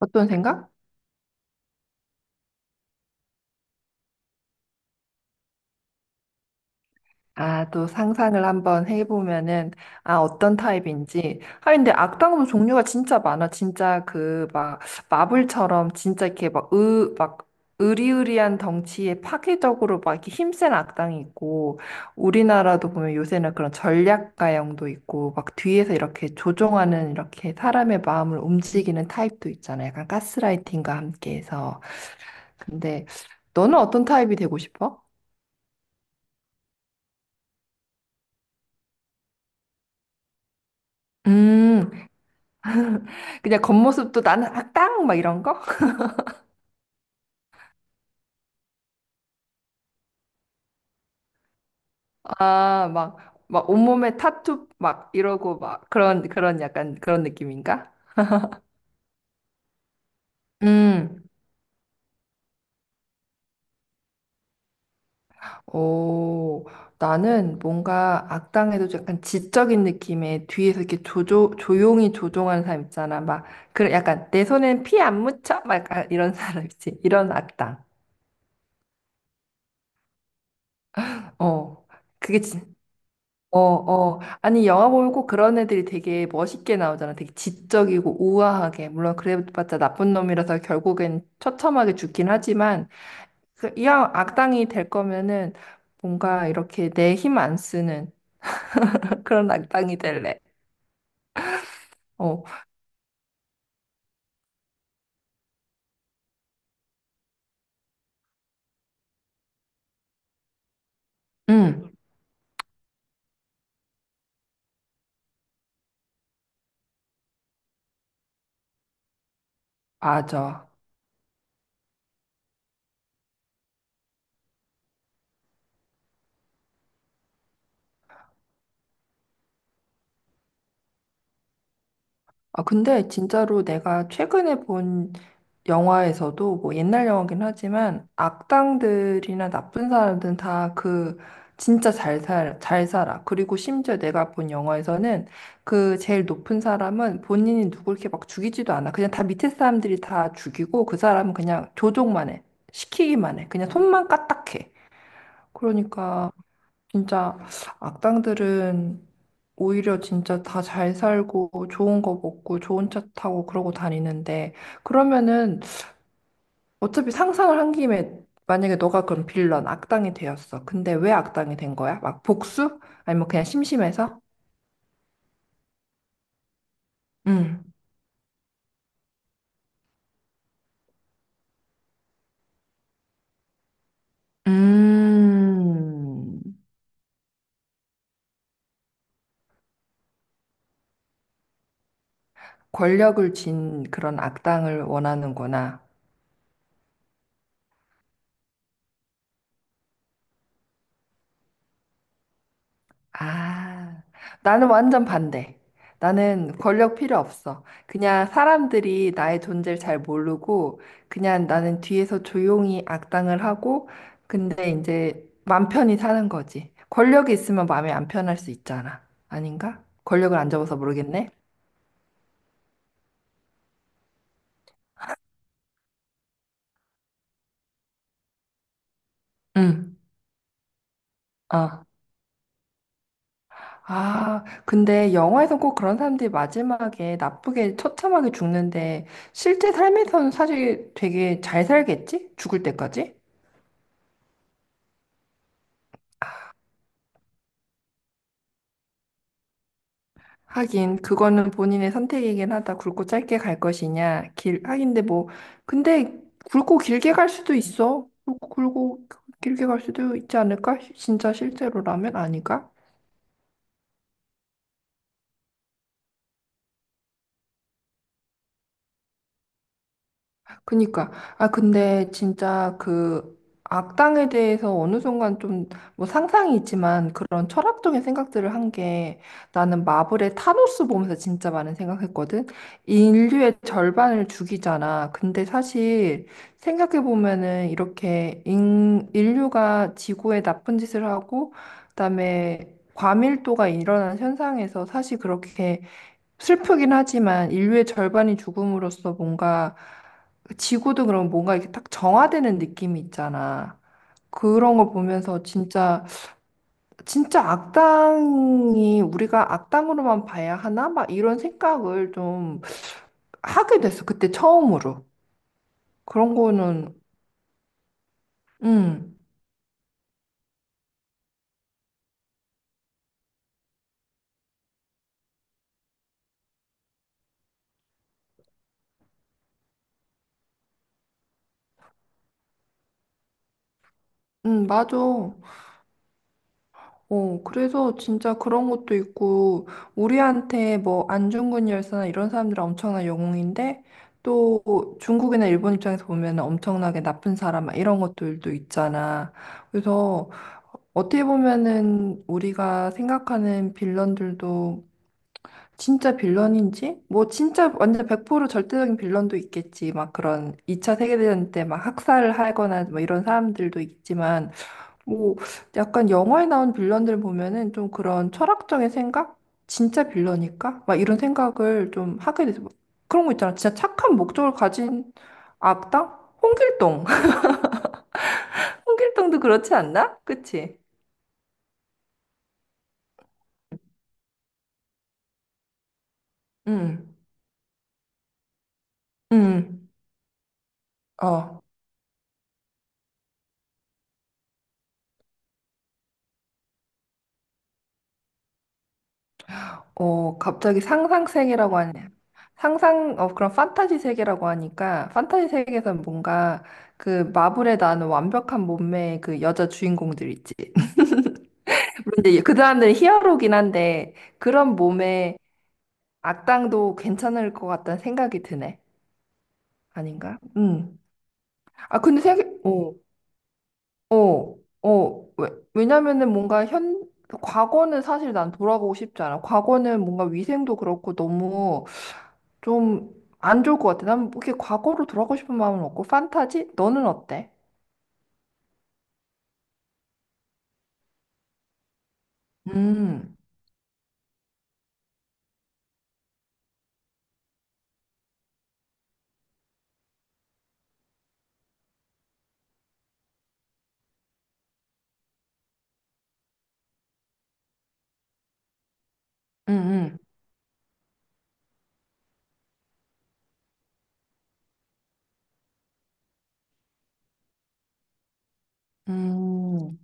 어떤 생각? 아, 또 상상을 한번 해보면은, 아, 어떤 타입인지. 아, 근데 악당도 종류가 진짜 많아. 진짜 그, 막, 마블처럼 진짜 이렇게 막, 으리으리한 덩치에 파괴적으로 막 이렇게 힘센 악당이 있고, 우리나라도 보면 요새는 그런 전략가형도 있고, 막 뒤에서 이렇게 조종하는 이렇게 사람의 마음을 움직이는 타입도 있잖아. 약간 가스라이팅과 함께해서. 근데 너는 어떤 타입이 되고 싶어? 음, 그냥 겉모습도 나는 악당 막 이런 거? 아, 막, 막 온몸에 타투 막 이러고 막 그런, 그런 약간 그런 느낌인가? 음, 오, 나는 뭔가 악당에도 약간 지적인 느낌의 뒤에서 이렇게 조용히 조종하는 사람 있잖아. 막, 그런 약간 내 손엔 피 안 묻혀? 막 약간 이런 사람 있지. 이런 악당. 어, 그게 진, 아니, 영화 보면 꼭 그런 애들이 되게 멋있게 나오잖아. 되게 지적이고 우아하게. 물론 그래봤자 나쁜 놈이라서 결국엔 처참하게 죽긴 하지만, 그, 이왕 악당이 될 거면은 뭔가 이렇게 내 힘 안 쓰는 그런 악당이 될래. 어, 응, 맞아. 아, 근데 진짜로 내가 최근에 본 영화에서도 뭐 옛날 영화긴 하지만 악당들이나 나쁜 사람들은 다 그 진짜 잘 살아. 그리고 심지어 내가 본 영화에서는 그 제일 높은 사람은 본인이 누굴 이렇게 막 죽이지도 않아. 그냥 다 밑에 사람들이 다 죽이고 그 사람은 그냥 조종만 해. 시키기만 해. 그냥 손만 까딱해. 그러니까 진짜 악당들은 오히려 진짜 다 잘 살고 좋은 거 먹고 좋은 차 타고 그러고 다니는데 그러면은 어차피 상상을 한 김에 만약에 너가 그럼 빌런 악당이 되었어. 근데 왜 악당이 된 거야? 막 복수? 아니면 그냥 심심해서? 음. 음, 권력을 쥔 그런 악당을 원하는구나. 아, 나는 완전 반대. 나는 권력 필요 없어. 그냥 사람들이 나의 존재를 잘 모르고, 그냥 나는 뒤에서 조용히 악당을 하고, 근데 이제 맘 편히 사는 거지. 권력이 있으면 마음이 안 편할 수 있잖아. 아닌가? 권력을 안 줘봐서 모르겠네. 응, 어. 아, 근데 영화에서 꼭 그런 사람들이 마지막에 나쁘게 처참하게 죽는데, 실제 삶에서는 사실 되게 잘 살겠지? 죽을 때까지? 하긴 그거는 본인의 선택이긴 하다. 굵고 짧게 갈 것이냐. 길 하긴데 뭐 근데 굵고 길게 갈 수도 있어. 굵고 길게 갈 수도 있지 않을까? 진짜 실제로라면 아닌가? 그니까. 아, 근데 진짜 그 악당에 대해서 어느 순간 좀 뭐 상상이 있지만 그런 철학적인 생각들을 한 게 나는 마블의 타노스 보면서 진짜 많은 생각했거든. 인류의 절반을 죽이잖아. 근데 사실 생각해보면은 이렇게 인류가 지구에 나쁜 짓을 하고 그다음에 과밀도가 일어나는 현상에서 사실 그렇게 슬프긴 하지만 인류의 절반이 죽음으로써 뭔가 지구도 그럼 뭔가 이렇게 딱 정화되는 느낌이 있잖아. 그런 거 보면서 진짜 진짜 악당이 우리가 악당으로만 봐야 하나? 막 이런 생각을 좀 하게 됐어. 그때 처음으로. 그런 거는 음. 맞아. 어, 그래서 진짜 그런 것도 있고, 우리한테 뭐 안중근 열사나 이런 사람들은 엄청난 영웅인데, 또 중국이나 일본 입장에서 보면 엄청나게 나쁜 사람, 막 이런 것들도 있잖아. 그래서 어떻게 보면은 우리가 생각하는 빌런들도 진짜 빌런인지? 뭐 진짜 완전 100% 절대적인 빌런도 있겠지. 막 그런 2차 세계대전 때 막 학살을 하거나 뭐 이런 사람들도 있지만, 뭐 약간 영화에 나온 빌런들 보면은 좀 그런 철학적인 생각? 진짜 빌런일까? 막 이런 생각을 좀 하게 돼서 막 그런 거 있잖아. 진짜 착한 목적을 가진 악당? 홍길동. 홍길동도 그렇지 않나? 그치? 응. 응. 어. 어, 갑자기 상상 세계라고 하네. 상상 어 그런 판타지 세계라고 하니까 판타지 세계에서 뭔가 그 마블에 나오는 완벽한 몸매의 그 여자 주인공들 있지. 근데 그 사람들은 히어로긴 한데 그런 몸에 악당도 괜찮을 것 같다는 생각이 드네. 아닌가? 음. 아 근데 생각, 어, 어, 어. 왜냐면은 뭔가 현 과거는 사실 난 돌아가고 싶지 않아. 과거는 뭔가 위생도 그렇고 너무 좀 안 좋을 것 같아. 난 이렇게 과거로 돌아가고 싶은 마음은 없고 판타지? 너는 어때? 음, 음, 음, 음.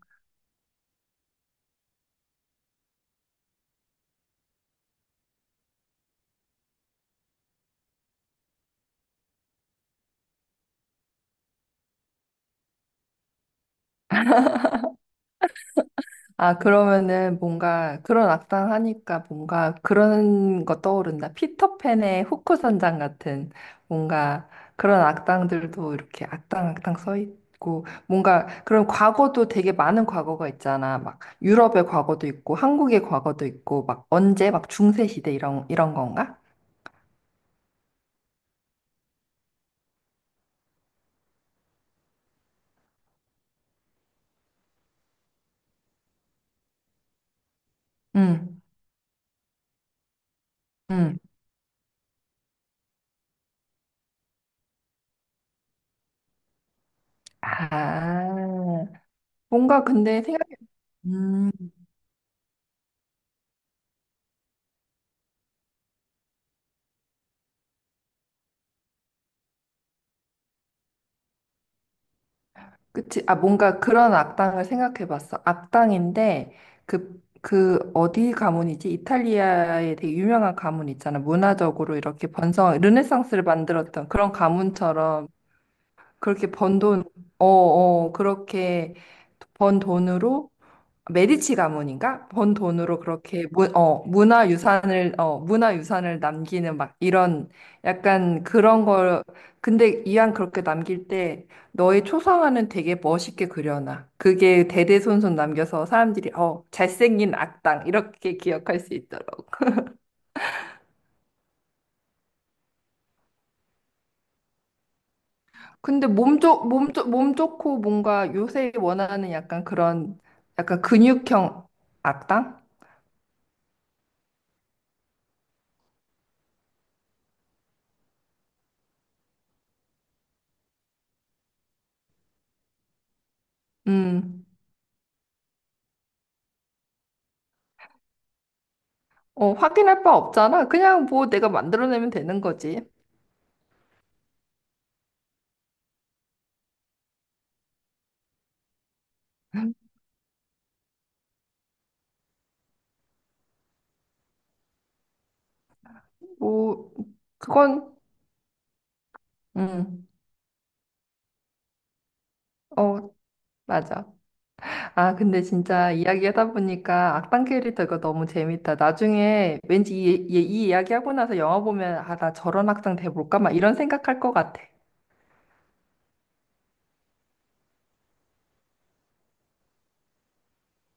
아, 그러면은 뭔가 그런 악당 하니까 뭔가 그런 거 떠오른다. 피터팬의 후크 선장 같은 뭔가 그런 악당들도 이렇게 악당 악당 서 있고 뭔가 그런 과거도 되게 많은 과거가 있잖아. 막 유럽의 과거도 있고 한국의 과거도 있고 막 언제 막 중세 시대 이런 이런 건가? 응, 응. 아, 뭔가 근데 생각해 그치? 아, 뭔가 그런 악당을 생각해 봤어. 악당인데, 어디 가문이지? 이탈리아에 되게 유명한 가문 있잖아. 문화적으로 이렇게 번성한, 르네상스를 만들었던 그런 가문처럼 그렇게 번 돈, 그렇게 번 돈으로 메디치 가문인가? 번 돈으로 그렇게 문화유산을 문화유산을 남기는 막 이런 약간 그런 걸 근데 이왕 그렇게 남길 때 너의 초상화는 되게 멋있게 그려놔. 그게 대대손손 남겨서 사람들이 어, 잘생긴 악당 이렇게 기억할 수 있더라고. 근데 몸 좋고 뭔가 요새 원하는 약간 그런 약간 근육형 악당? 음. 어, 확인할 바 없잖아. 그냥 뭐 내가 만들어내면 되는 거지. 뭐, 그건, 음, 어, 맞아. 아, 근데 진짜 이야기하다 보니까 악당 캐릭터가 너무 재밌다. 나중에 왠지 이 이야기하고 나서 영화 보면, 아, 나 저런 악당 돼볼까? 막 이런 생각할 것 같아.